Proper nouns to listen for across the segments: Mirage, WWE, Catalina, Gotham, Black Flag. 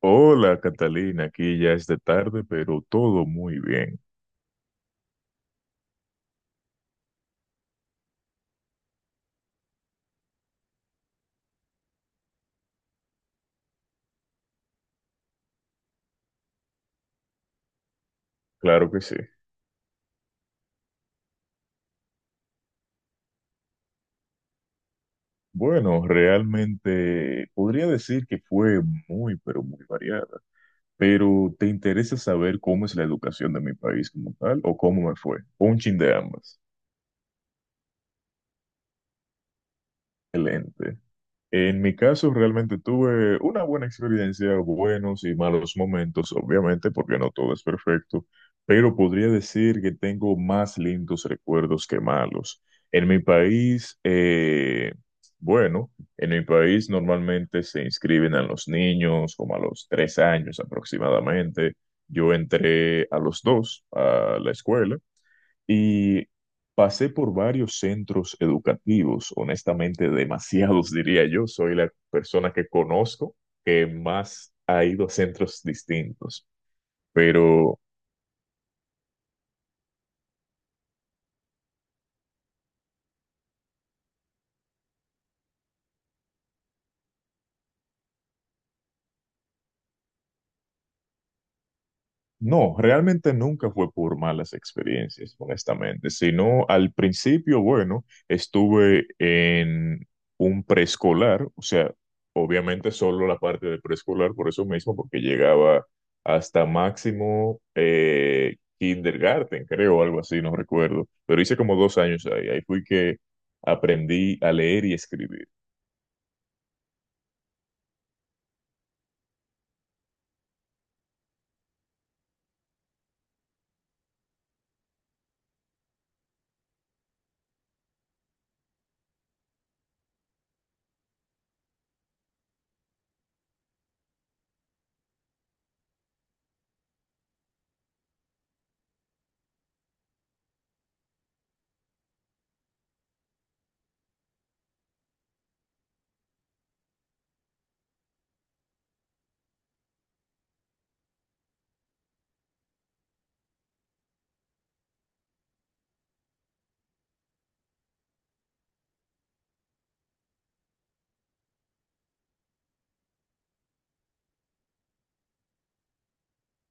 Hola Catalina, aquí ya es de tarde, pero todo muy bien. Claro que sí. Bueno, realmente podría decir que fue muy, pero muy variada. Pero ¿te interesa saber cómo es la educación de mi país como tal o cómo me fue? Un chin de ambas. Excelente. En mi caso, realmente tuve una buena experiencia, buenos y malos momentos, obviamente, porque no todo es perfecto, pero podría decir que tengo más lindos recuerdos que malos. En mi país, bueno, en mi país normalmente se inscriben a los niños como a los 3 años aproximadamente. Yo entré a los 2 a la escuela. Y pasé por varios centros educativos, honestamente demasiados diría yo. Soy la persona que conozco que más ha ido a centros distintos, pero. No, realmente nunca fue por malas experiencias, honestamente, sino al principio, bueno, estuve en un preescolar, o sea, obviamente solo la parte de preescolar, por eso mismo, porque llegaba hasta máximo kindergarten, creo, algo así, no recuerdo, pero hice como 2 años ahí, ahí fui que aprendí a leer y escribir.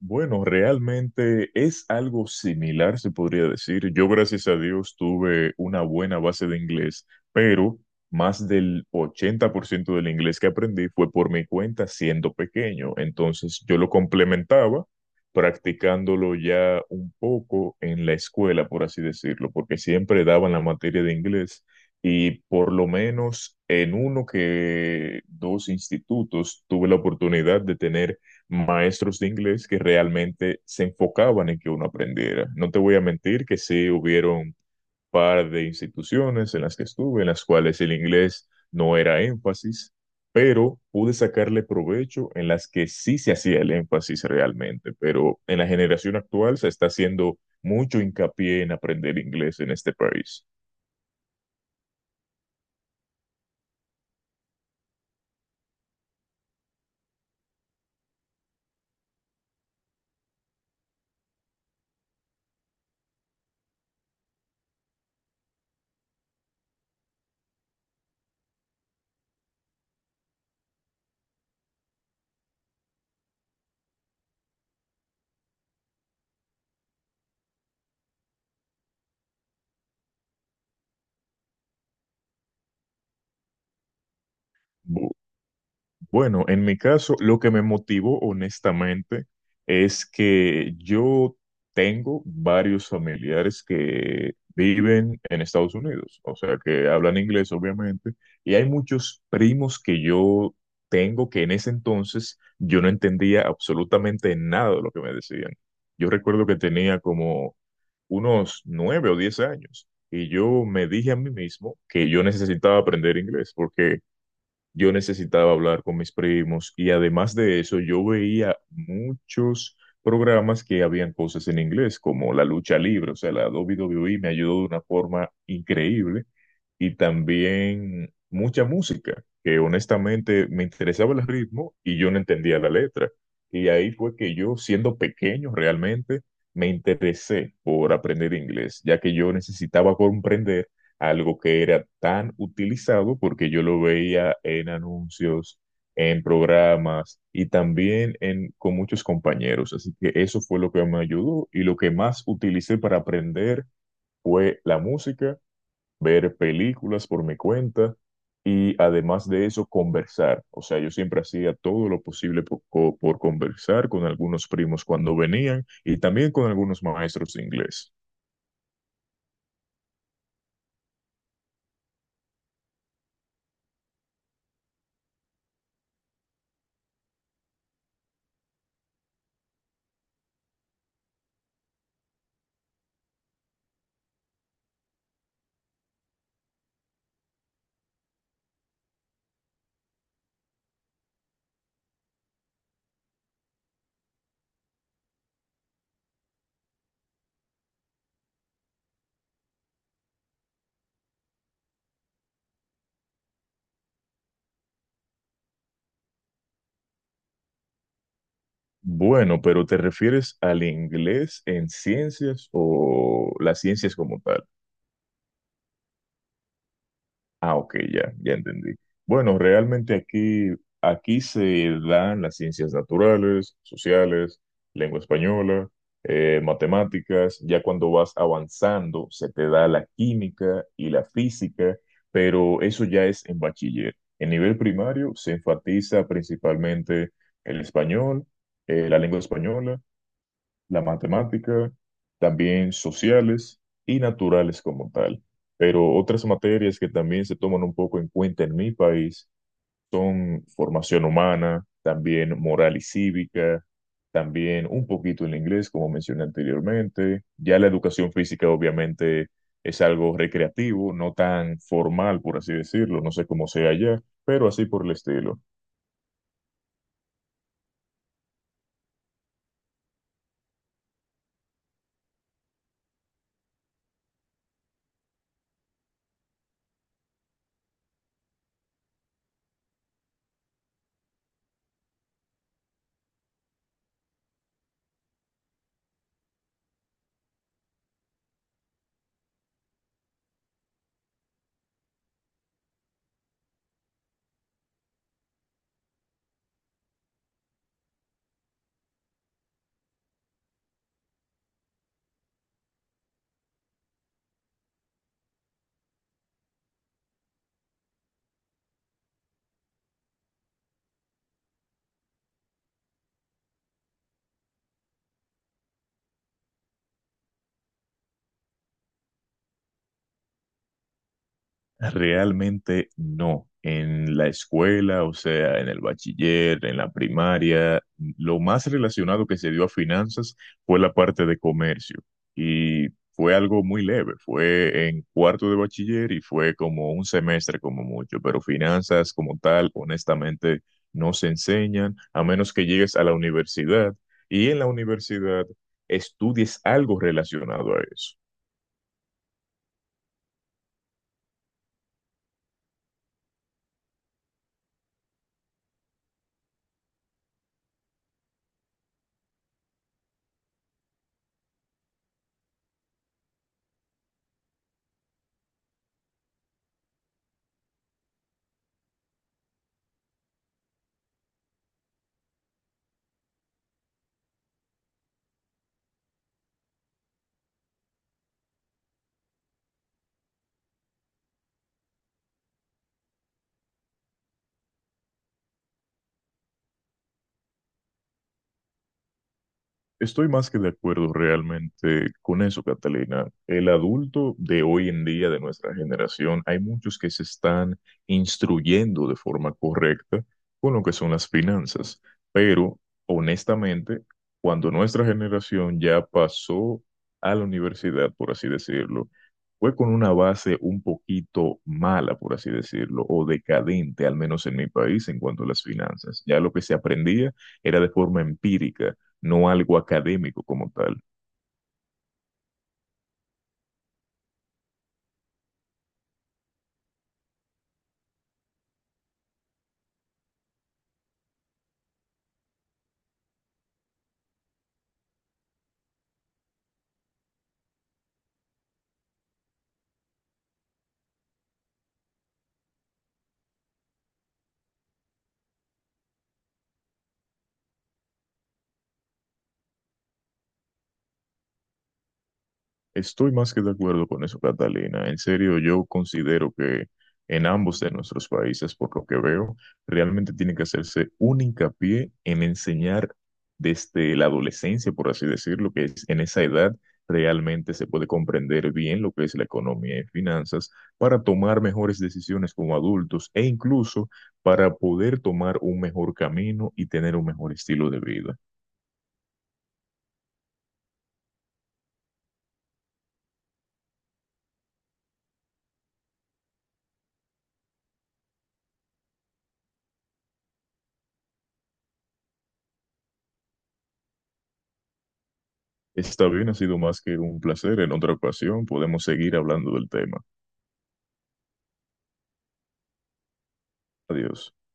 Bueno, realmente es algo similar, se podría decir. Yo, gracias a Dios, tuve una buena base de inglés, pero más del 80% del inglés que aprendí fue por mi cuenta siendo pequeño. Entonces, yo lo complementaba practicándolo ya un poco en la escuela, por así decirlo, porque siempre daban la materia de inglés y por lo menos en uno que dos institutos tuve la oportunidad de tener maestros de inglés que realmente se enfocaban en que uno aprendiera. No te voy a mentir que sí hubieron un par de instituciones en las que estuve, en las cuales el inglés no era énfasis, pero pude sacarle provecho en las que sí se hacía el énfasis realmente. Pero en la generación actual se está haciendo mucho hincapié en aprender inglés en este país. Bueno, en mi caso, lo que me motivó honestamente es que yo tengo varios familiares que viven en Estados Unidos, o sea, que hablan inglés, obviamente, y hay muchos primos que yo tengo que en ese entonces yo no entendía absolutamente nada de lo que me decían. Yo recuerdo que tenía como unos 9 o 10 años y yo me dije a mí mismo que yo necesitaba aprender inglés porque yo necesitaba hablar con mis primos y además de eso yo veía muchos programas que habían cosas en inglés, como la lucha libre, o sea, la WWE me ayudó de una forma increíble y también mucha música, que honestamente me interesaba el ritmo y yo no entendía la letra. Y ahí fue que yo, siendo pequeño realmente, me interesé por aprender inglés, ya que yo necesitaba comprender algo que era tan utilizado porque yo lo veía en anuncios, en programas y también en, con muchos compañeros. Así que eso fue lo que me ayudó y lo que más utilicé para aprender fue la música, ver películas por mi cuenta y además de eso conversar. O sea, yo siempre hacía todo lo posible por conversar con algunos primos cuando venían y también con algunos maestros de inglés. Bueno, pero ¿te refieres al inglés en ciencias o las ciencias como tal? Ah, ok, ya, ya entendí. Bueno, realmente aquí se dan las ciencias naturales, sociales, lengua española, matemáticas. Ya cuando vas avanzando, se te da la química y la física, pero eso ya es en bachiller. En nivel primario se enfatiza principalmente el español, la lengua española, la matemática, también sociales y naturales como tal. Pero otras materias que también se toman un poco en cuenta en mi país son formación humana, también moral y cívica, también un poquito el inglés, como mencioné anteriormente. Ya la educación física obviamente es algo recreativo, no tan formal, por así decirlo, no sé cómo sea allá, pero así por el estilo. Realmente no. En la escuela, o sea, en el bachiller, en la primaria, lo más relacionado que se dio a finanzas fue la parte de comercio. Y fue algo muy leve. Fue en cuarto de bachiller y fue como un semestre como mucho. Pero finanzas como tal, honestamente, no se enseñan a menos que llegues a la universidad y en la universidad estudies algo relacionado a eso. Estoy más que de acuerdo realmente con eso, Catalina. El adulto de hoy en día, de nuestra generación, hay muchos que se están instruyendo de forma correcta con lo que son las finanzas, pero honestamente, cuando nuestra generación ya pasó a la universidad, por así decirlo, fue con una base un poquito mala, por así decirlo, o decadente, al menos en mi país, en cuanto a las finanzas. Ya lo que se aprendía era de forma empírica, no algo académico como tal. Estoy más que de acuerdo con eso, Catalina. En serio, yo considero que en ambos de nuestros países, por lo que veo, realmente tiene que hacerse un hincapié en enseñar desde la adolescencia, por así decirlo, que es en esa edad realmente se puede comprender bien lo que es la economía y finanzas para tomar mejores decisiones como adultos e incluso para poder tomar un mejor camino y tener un mejor estilo de vida. Está bien, ha sido más que un placer. En otra ocasión podemos seguir hablando del tema. Adiós.